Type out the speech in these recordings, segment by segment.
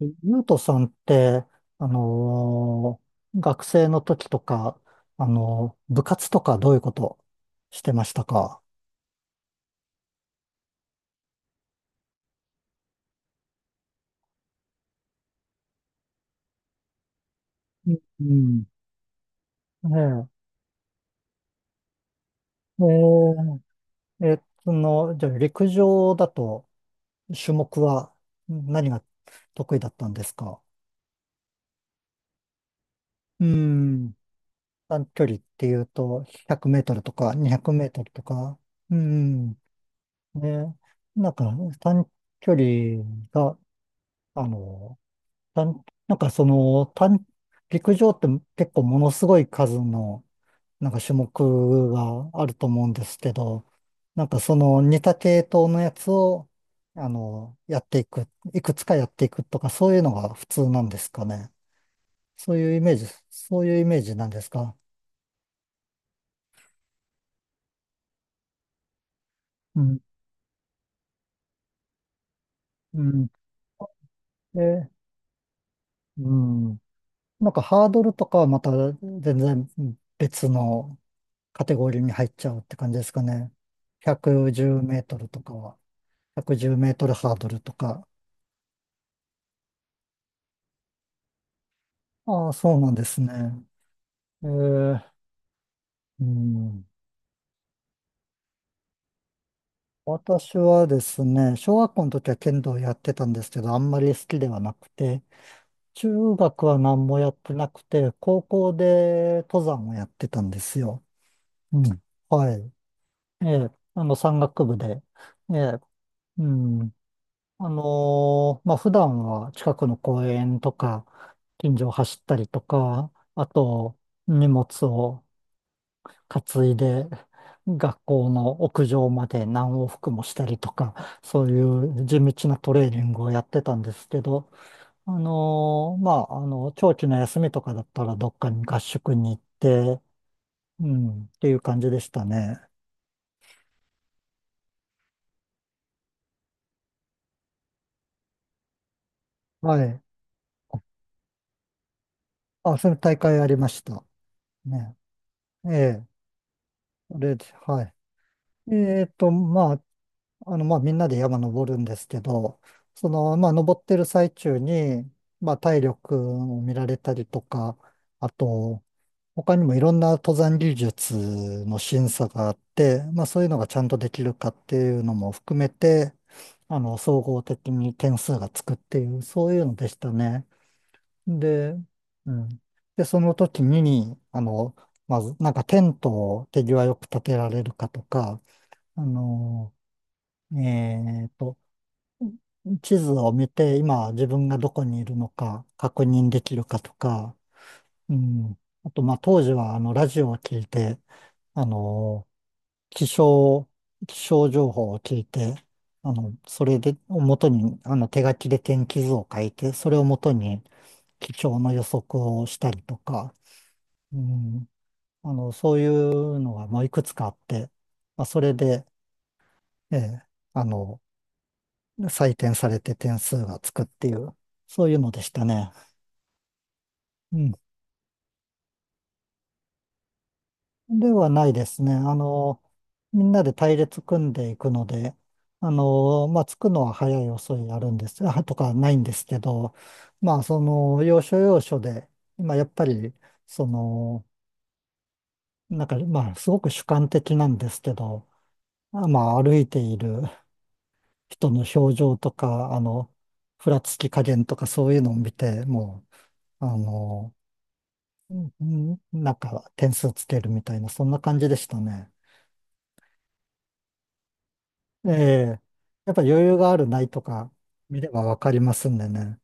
ゆうとさんって、あの学生の時とか、部活とかどういうことしてましたか？うん。ね。ええー。その、じゃあ陸上だと種目は何が得意だったんですか？うん。短距離っていうと、100メートルとか200メートルとか？うん。ね、なんか短距離が、あのたんなんかその、単陸上って結構ものすごい数の、なんか種目があると思うんですけど、なんかその似た系統のやつを、あの、やっていく、いくつかやっていくとか、そういうのが普通なんですかね？そういうイメージ、そういうイメージなんですか？うん、うん。え、うん。なんかハードルとかはまた全然別のカテゴリーに入っちゃうって感じですかね？110メートルとかは。110メートルハードルとか。ああ、そうなんですね。えー、うん。私はですね、小学校の時は剣道やってたんですけど、あんまり好きではなくて、中学は何もやってなくて、高校で登山をやってたんですよ。うん。はい。ええ、あの、山岳部で。ええ、うん。普段は近くの公園とか、近所を走ったりとか、あと、荷物を担いで学校の屋上まで何往復もしたりとか、そういう地道なトレーニングをやってたんですけど、長期の休みとかだったらどっかに合宿に行って、うん、っていう感じでしたね。はい。あ、それ大会ありました。ね。ええ。それで、はい。えっと、まあ、みんなで山登るんですけど、その、まあ、登ってる最中に、まあ、体力を見られたりとか、あと、他にもいろんな登山技術の審査があって、まあ、そういうのがちゃんとできるかっていうのも含めて、あの、総合的に点数がつくっていう、そういうのでしたね。で、うん。で、その時に、あの、まず、なんかテントを手際よく立てられるかとか、あの、えーと、地図を見て、今自分がどこにいるのか確認できるかとか、うん。あと、まあ、当時は、あの、ラジオを聞いて、あの、気象、気象情報を聞いて、あの、それで、を元に、あの、手書きで天気図を書いて、それを元に気象の予測をしたりとか、うん。あの、そういうのが、まあ、いくつかあって、まあ、それで、ええ、あの、採点されて点数がつくっていう、そういうのでしたね。うん。ではないですね。あの、みんなで隊列組んでいくので、あの、まあ、着くのは早い遅いあるんです、あ、とかないんですけど、まあ、その、要所要所で、まあやっぱり、その、なんか、まあ、すごく主観的なんですけど、歩いている人の表情とか、あの、ふらつき加減とかそういうのを見て、もう、あの、うんなんか点数つけるみたいな、そんな感じでしたね。ええ、やっぱ余裕があるないとか見ればわかりますんでね。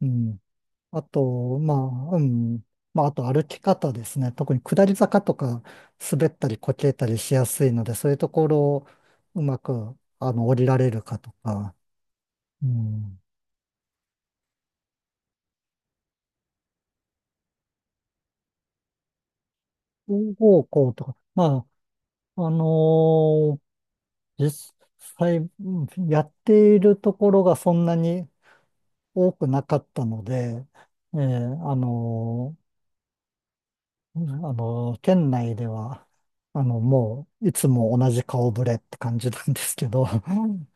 うん。あと、まあ、うん。まあ、あと歩き方ですね。特に下り坂とか滑ったりこけたりしやすいので、そういうところをうまく、あの、降りられるかとか、うん。方向とか、まあ、実際、うんやっているところがそんなに多くなかったので、ええ、あの、店内では、あの、もう、いつも同じ顔ぶれって感じなんですけど、うん。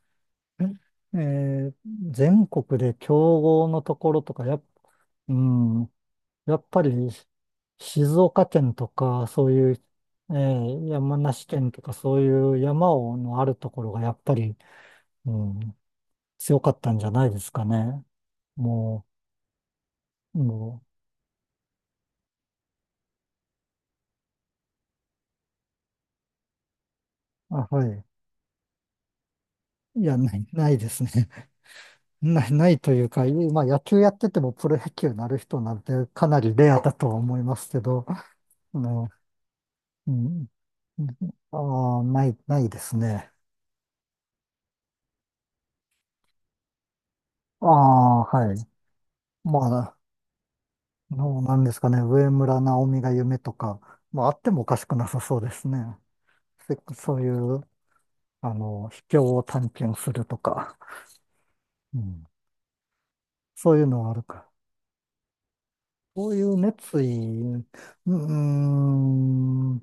えー全国で競合のところとか、うん、やっぱり、静岡県とか、そういう、えー山梨県とか、そういう山をのあるところが、やっぱり、うん、強かったんじゃないですかね。もう、もう、あ、はい。いや、ない、ないですね。ない、ないというか、いまあ、野球やっててもプロ野球になる人なんてかなりレアだとは思いますけど、ね、うん、ああ、ない、ないですね。ああ、はい。まあ、のなんですかね、上村直美が夢とか、まあ、あってもおかしくなさそうですね。せそういう、あの、秘境を探検するとか、うん、そういうのはあるか。そういう熱意、うーん、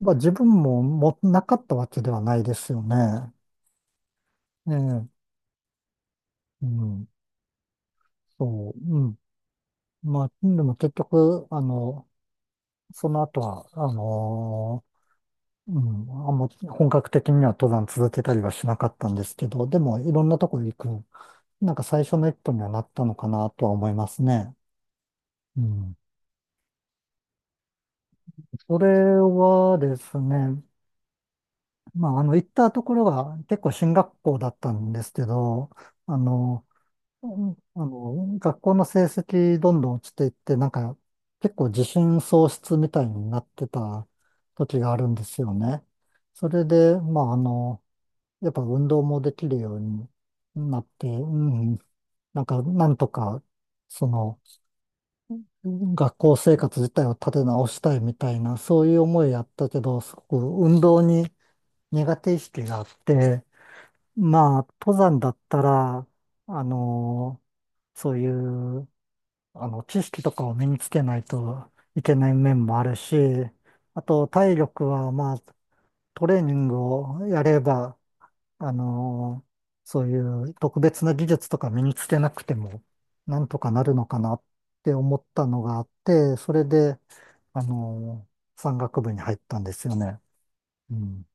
まあ、自分ももなかったわけではないですよね。ええ、うん、そう、うん。まあ、でも結局、あの、その後は、あんま本格的には登山続けたりはしなかったんですけど、でもいろんなとこ行く、なんか最初の一歩にはなったのかなとは思いますね。うん。それはですね、まあ、あの、行ったところが結構進学校だったんですけど、あの、うんあの、学校の成績どんどん落ちていって、なんか結構自信喪失みたいになってた時があるんですよね。それで、まああの、やっぱ運動もできるようになって、うん、なんかなんとか、その、学校生活自体を立て直したいみたいな、そういう思いやったけど、すごく運動に苦手意識があって、まあ登山だったら、あの、そういう、あの、知識とかを身につけないといけない面もあるし、あと体力は、まあ、トレーニングをやれば、あの、そういう特別な技術とか身につけなくても、なんとかなるのかなって思ったのがあって、それで、あの、山岳部に入ったんですよね。うん。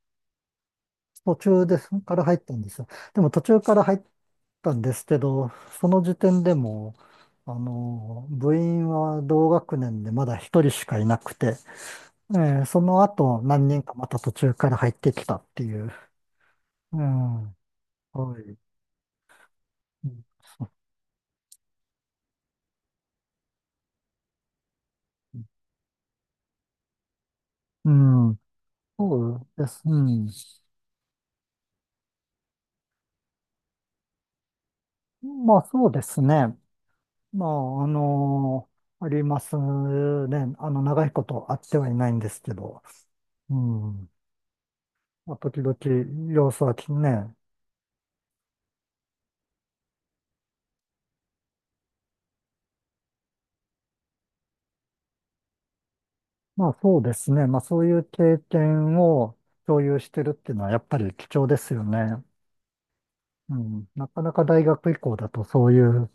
途中ですから入ったんですよ。でも途中から入ったんですけど、その時点でも、あの、部員は同学年でまだ一人しかいなくて、えその後何人かまた途中から入ってきたっていう。うん。はい。うん、うん、そうです。うん。まあそうですね。まあ、あのありますね。あの、長いこと会ってはいないんですけど。うん。まあ、時々様子はきね。まあそうですね。まあそういう経験を共有してるっていうのはやっぱり貴重ですよね。うん。なかなか大学以降だとそういう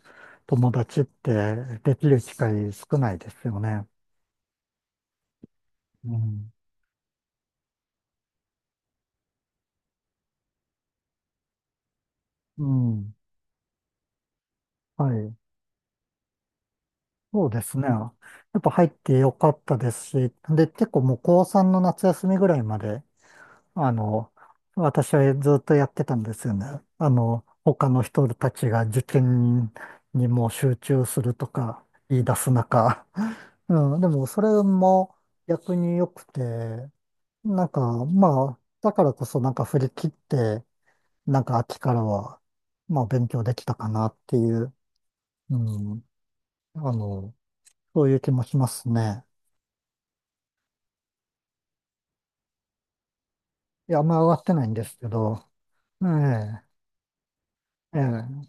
友達ってできる機会少ないですよね。うん。うん。はい。そうですね。やっぱ入ってよかったですし、で、結構もう高3の夏休みぐらいまであの、私はずっとやってたんですよね。あの、他の人たちが受験にもう集中するとか言い出す中。うん、でもそれも逆に良くて、なんかまあ、だからこそなんか振り切って、なんか秋からは、まあ勉強できたかなっていう、うん、あの、そういう気もしますね。いや、あんま上がってないんですけど、えええ。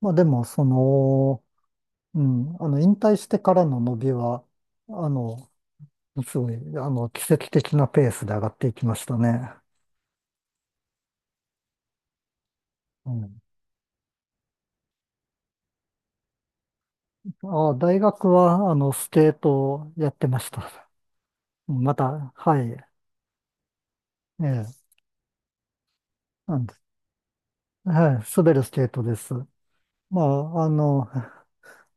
まあでも、その、うん、あの、引退してからの伸びは、あの、すごい、あの、奇跡的なペースで上がっていきましたね。うん。あ、大学は、あの、スケートをやってました。また、はい。ええ、なんで、はい、滑るスケートです。まあ、あの、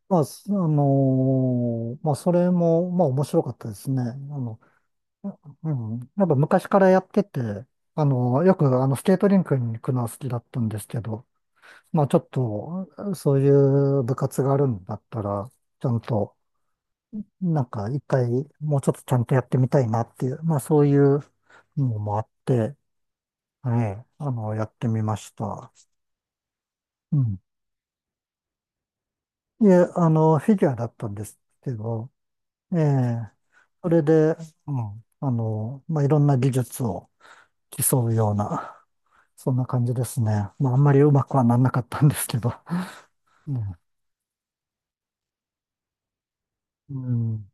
まあ、すあのーまあ、それも、まあ、面白かったですね。あの、うん。やっぱ昔からやってて、あの、よく、あの、スケートリンクに行くのは好きだったんですけど、まあちょっと、そういう部活があるんだったら、ちゃんと、なんか一回、もうちょっとちゃんとやってみたいなっていう、まあそういうのもあって、はい、あの、やってみました。うん。で、あの、フィギュアだったんですけど、ええ、それで、うん、あの、まあいろんな技術を競うような、そんな感じですね。まああんまりうまくはなんなかったんですけど。うん。うん